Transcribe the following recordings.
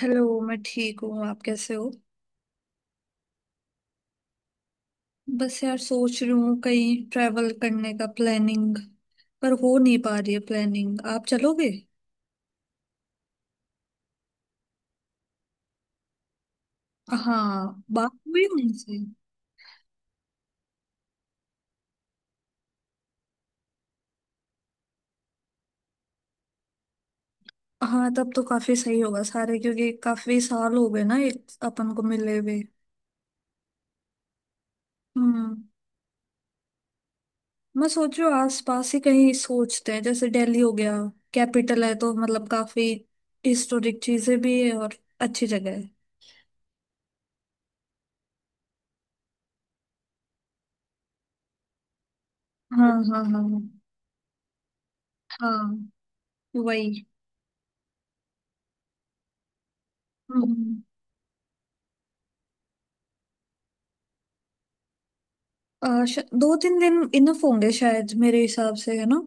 Hello. मैं ठीक हूँ, आप कैसे हो? बस यार सोच रही हूँ कहीं ट्रैवल करने का प्लानिंग पर हो नहीं पा रही है प्लानिंग। आप चलोगे? हाँ, बात हुई उनसे। हाँ तब तो काफी सही होगा सारे, क्योंकि काफी साल हो गए ना एक अपन को मिले हुए। हम्म। मैं सोच रही हूँ आस पास ही कहीं सोचते हैं, जैसे दिल्ली हो गया। कैपिटल है तो मतलब काफी हिस्टोरिक चीजें भी है और अच्छी जगह है। हाँ हाँ हाँ हाँ। हाँ, वही। हम्म। दो तीन दिन इनफ होंगे शायद मेरे हिसाब से, है ना?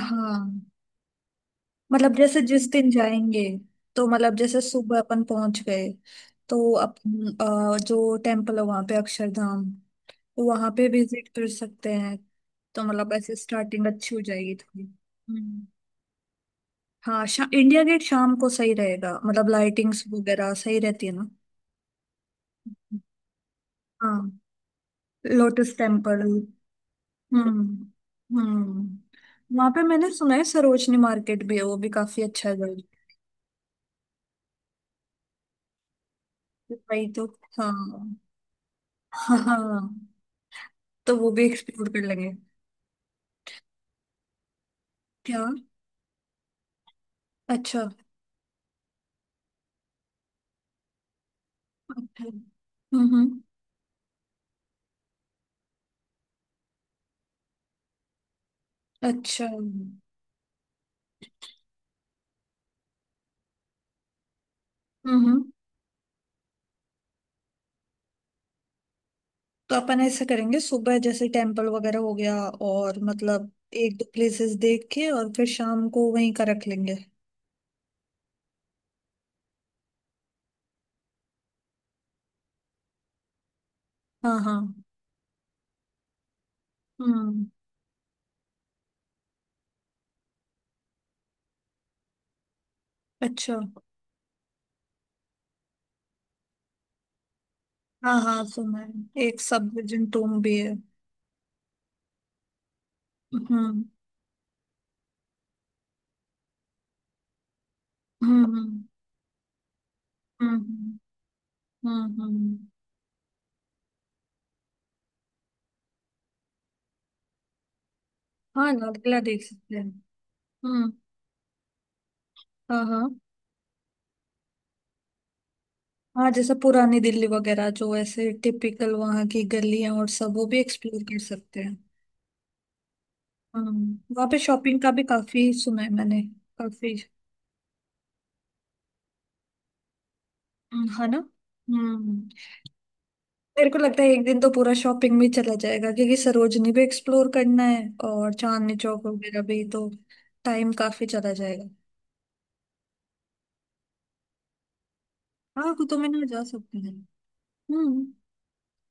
हाँ, मतलब जैसे जिस दिन जाएंगे, तो मतलब जैसे सुबह अपन पहुंच गए, तो अपन जो टेम्पल है वहां पे अक्षरधाम, वहां पे विजिट कर सकते हैं। तो मतलब ऐसे स्टार्टिंग अच्छी हो जाएगी थोड़ी। हम्म। हाँ, इंडिया गेट शाम को सही रहेगा, मतलब लाइटिंग्स वगैरह सही रहती है ना। हाँ, लोटस टेम्पल। हम्म। वहां पे मैंने सुना है सरोजनी मार्केट भी है, वो भी काफी अच्छा जगह है भाई तो। हाँ हाँ हाँ, हाँ। तो वो भी एक्सप्लोर कर लेंगे। क्या? अच्छा। हम्म। अच्छा। हम्म। तो अपन ऐसा करेंगे, सुबह जैसे टेम्पल वगैरह हो गया और मतलब एक दो प्लेसेस देख के, और फिर शाम को वहीं का रख लेंगे। हाँ हाँ। हम्म। अच्छा, हाँ हाँ सुना है, एक सब विजन टूम भी है। हम्म हम्म। हम्म। हम्म हम्म। हाँ, नगला देख सकते हैं। हम्म। हाँ हाँ। हाँ, जैसे पुरानी दिल्ली वगैरह जो ऐसे टिपिकल वहाँ की गलियां और सब, वो भी एक्सप्लोर कर सकते हैं। हम्म, वहाँ पे शॉपिंग का भी काफी सुना है मैंने। काफी। है ना। हम्म। मेरे को लगता है एक दिन तो पूरा शॉपिंग में चला जाएगा, क्योंकि सरोजनी भी एक्सप्लोर करना है और चांदनी चौक वगैरह भी, तो टाइम काफी चला जाएगा। हाँ, कुतुब मीनार जा सकते हैं। हम्म।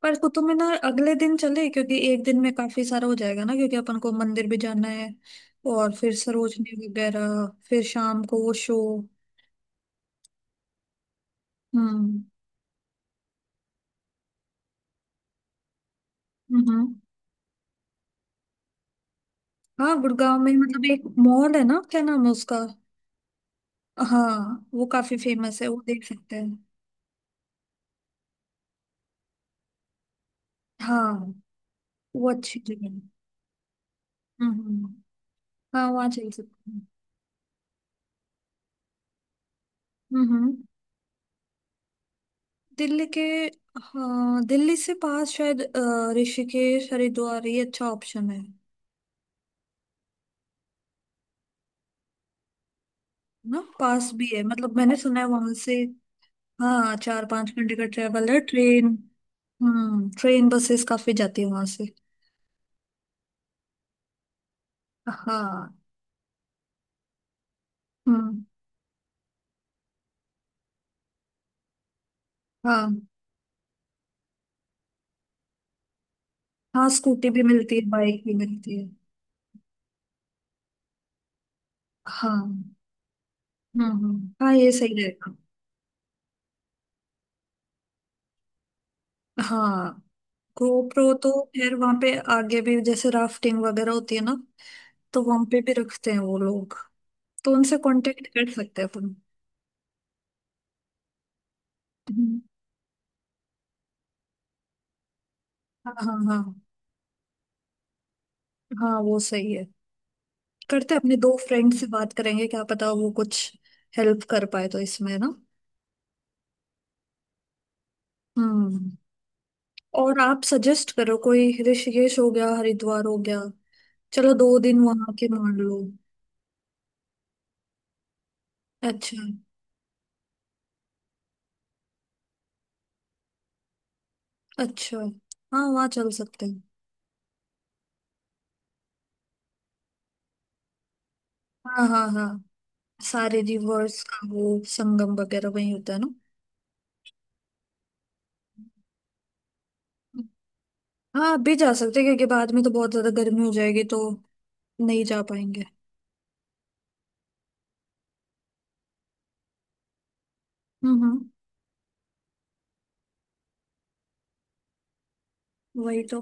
पर कुतुब मीनार अगले दिन चले, क्योंकि एक दिन में काफी सारा हो जाएगा ना, क्योंकि अपन को मंदिर भी जाना है और फिर सरोजनी वगैरह, फिर शाम को वो शो। हम्म हम्म। हाँ, गुड़गांव में मतलब एक मॉल है ना, क्या नाम है उसका? हाँ, वो काफी फेमस है, वो देख सकते हैं। हाँ, वो अच्छी जगह है। हम्म हम्म। हाँ, वहाँ चल सकते हैं। हम्म हम्म। दिल्ली के, हाँ दिल्ली से पास शायद ऋषिकेश हरिद्वार, ये अच्छा ऑप्शन है ना। पास भी है, मतलब मैंने सुना है वहां से। हाँ, चार पांच घंटे का ट्रेवल है ट्रेन। हम्म, ट्रेन बसेस काफी जाती है वहां से। हाँ। हम्म। हाँ, हाँ स्कूटी भी मिलती है, बाइक भी मिलती है। हाँ। हाँ ये सही रहेगा। हाँ। गोप्रो तो फिर वहां पे आगे भी जैसे राफ्टिंग वगैरह होती है ना, तो वहां पे भी रखते हैं वो लोग, तो उनसे कांटेक्ट कर सकते हैं अपन। हम्म, हाँ हाँ हाँ। हाँ वो सही है। करते हैं, अपने दो फ्रेंड से बात करेंगे, क्या पता वो कुछ हेल्प कर पाए तो इसमें ना। हम्म। और आप सजेस्ट करो कोई, ऋषिकेश हो गया, हरिद्वार हो गया, चलो दो दिन वहां के मान लो। अच्छा। अच्छा, हाँ वहाँ चल सकते हैं। हाँ हाँ हाँ, सारे रिवर्स का वो संगम वगैरह वहीं होता है ना। हाँ, अभी जा सकते हैं, क्योंकि बाद में तो बहुत ज्यादा गर्मी हो जाएगी तो नहीं जा पाएंगे। हम्म। वही तो।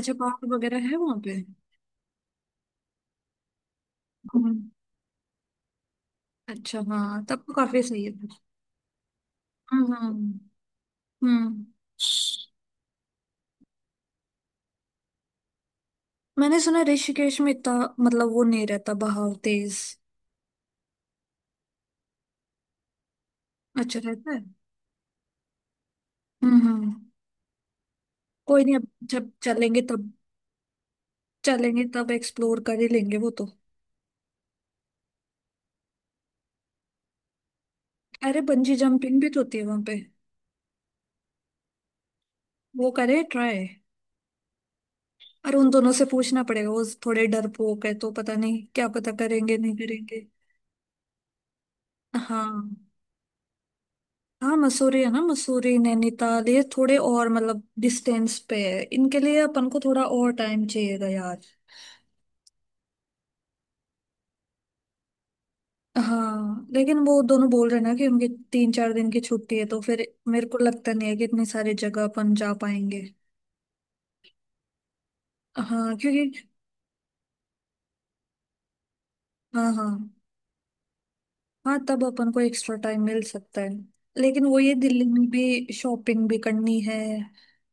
अच्छा, पार्क वगैरह है वहां पे? अच्छा, हाँ तब तो काफी सही है फिर। हम्म। हम्म। मैंने सुना ऋषिकेश में इतना मतलब वो नहीं रहता बहाव तेज? अच्छा, रहता है। हम्म। कोई नहीं, अब जब चलेंगे तब चलेंगे, तब एक्सप्लोर कर ही लेंगे वो तो। अरे, बंजी जंपिंग भी तो होती है वहां पे। वो करे ट्राई। और उन दोनों से पूछना पड़ेगा, वो थोड़े डरपोक है तो पता नहीं, क्या पता करेंगे नहीं करेंगे। हाँ। हाँ, मसूरी है ना, मसूरी नैनीताल ये थोड़े और मतलब डिस्टेंस पे है, इनके लिए अपन को थोड़ा और टाइम चाहिएगा यार। हाँ, लेकिन वो दोनों बोल रहे हैं ना कि उनकी तीन चार दिन की छुट्टी है, तो फिर मेरे को लगता नहीं है कि इतनी सारी जगह अपन जा पाएंगे। हाँ, क्योंकि। हाँ हाँ। हाँ, तब अपन को एक्स्ट्रा टाइम मिल सकता है, लेकिन वो ये दिल्ली में भी शॉपिंग भी करनी है,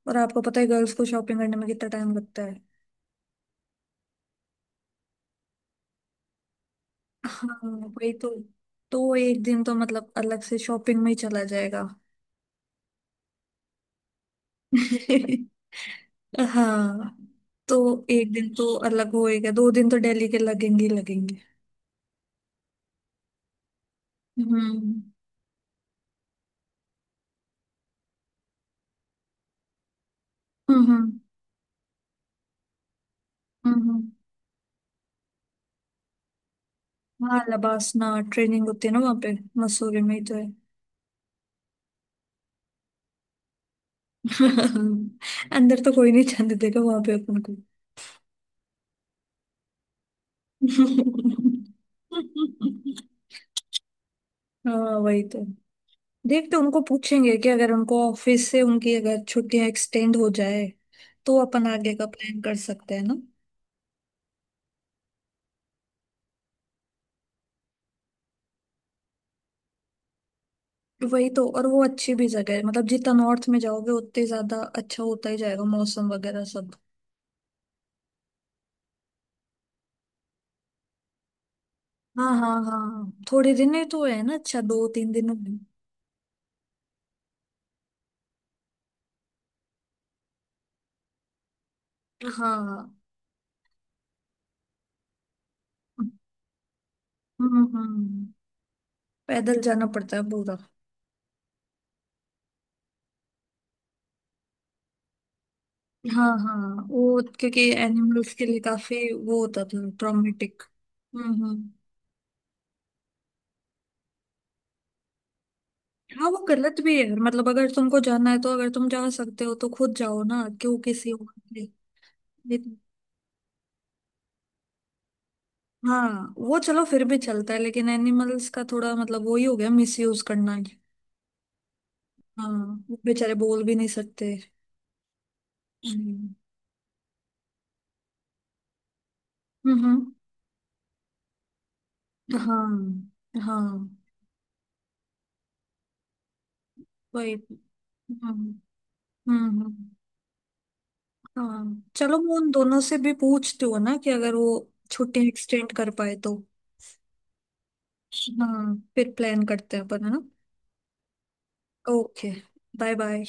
और आपको पता है गर्ल्स को शॉपिंग करने में कितना टाइम लगता है। हाँ, वही तो। तो एक दिन तो मतलब अलग से शॉपिंग में ही चला जाएगा। हाँ, तो एक दिन तो अलग होएगा, दो दिन तो दिल्ली के लगेंगे ही लगेंगे। हम्म। हम्म, हम्म। हम्म। हाँ, लबासना ट्रेनिंग होती है ना वहाँ पे, मसूरी में ही तो है। अंदर तो कोई नहीं जाने देगा वहां पे अपन को। हाँ, वही तो। देखते हैं, उनको पूछेंगे कि अगर उनको ऑफिस से उनकी अगर छुट्टियां एक्सटेंड हो जाए तो अपन आगे का प्लान कर सकते हैं ना। वही तो, और वो अच्छी भी जगह है, मतलब जितना नॉर्थ में जाओगे उतने ज्यादा अच्छा होता ही जाएगा मौसम वगैरह सब। हाँ हाँ हाँ, थोड़े दिन ही तो है ना, अच्छा दो तीन दिनों में। हाँ। हम्म। पैदल जाना पड़ता है पूरा। हाँ हाँ, वो क्योंकि एनिमल्स के लिए काफी वो होता था ट्रॉमेटिक। हम्म। हाँ, वो गलत भी है, मतलब अगर तुमको जाना है, तो अगर तुम जा सकते हो तो खुद जाओ ना, क्यों किसी और के। हाँ, वो चलो फिर भी चलता है, लेकिन एनिमल्स का थोड़ा मतलब वही हो गया मिसयूज करना है। हाँ, वो बेचारे बोल भी नहीं सकते। हम्म। हम्म। हाँ हाँ। वही। हम्म हम्म। हाँ चलो, मैं उन दोनों से भी पूछती हूँ ना कि अगर वो छुट्टी एक्सटेंड कर पाए तो। हाँ, फिर प्लान करते हैं अपन है ना। Okay, bye bye.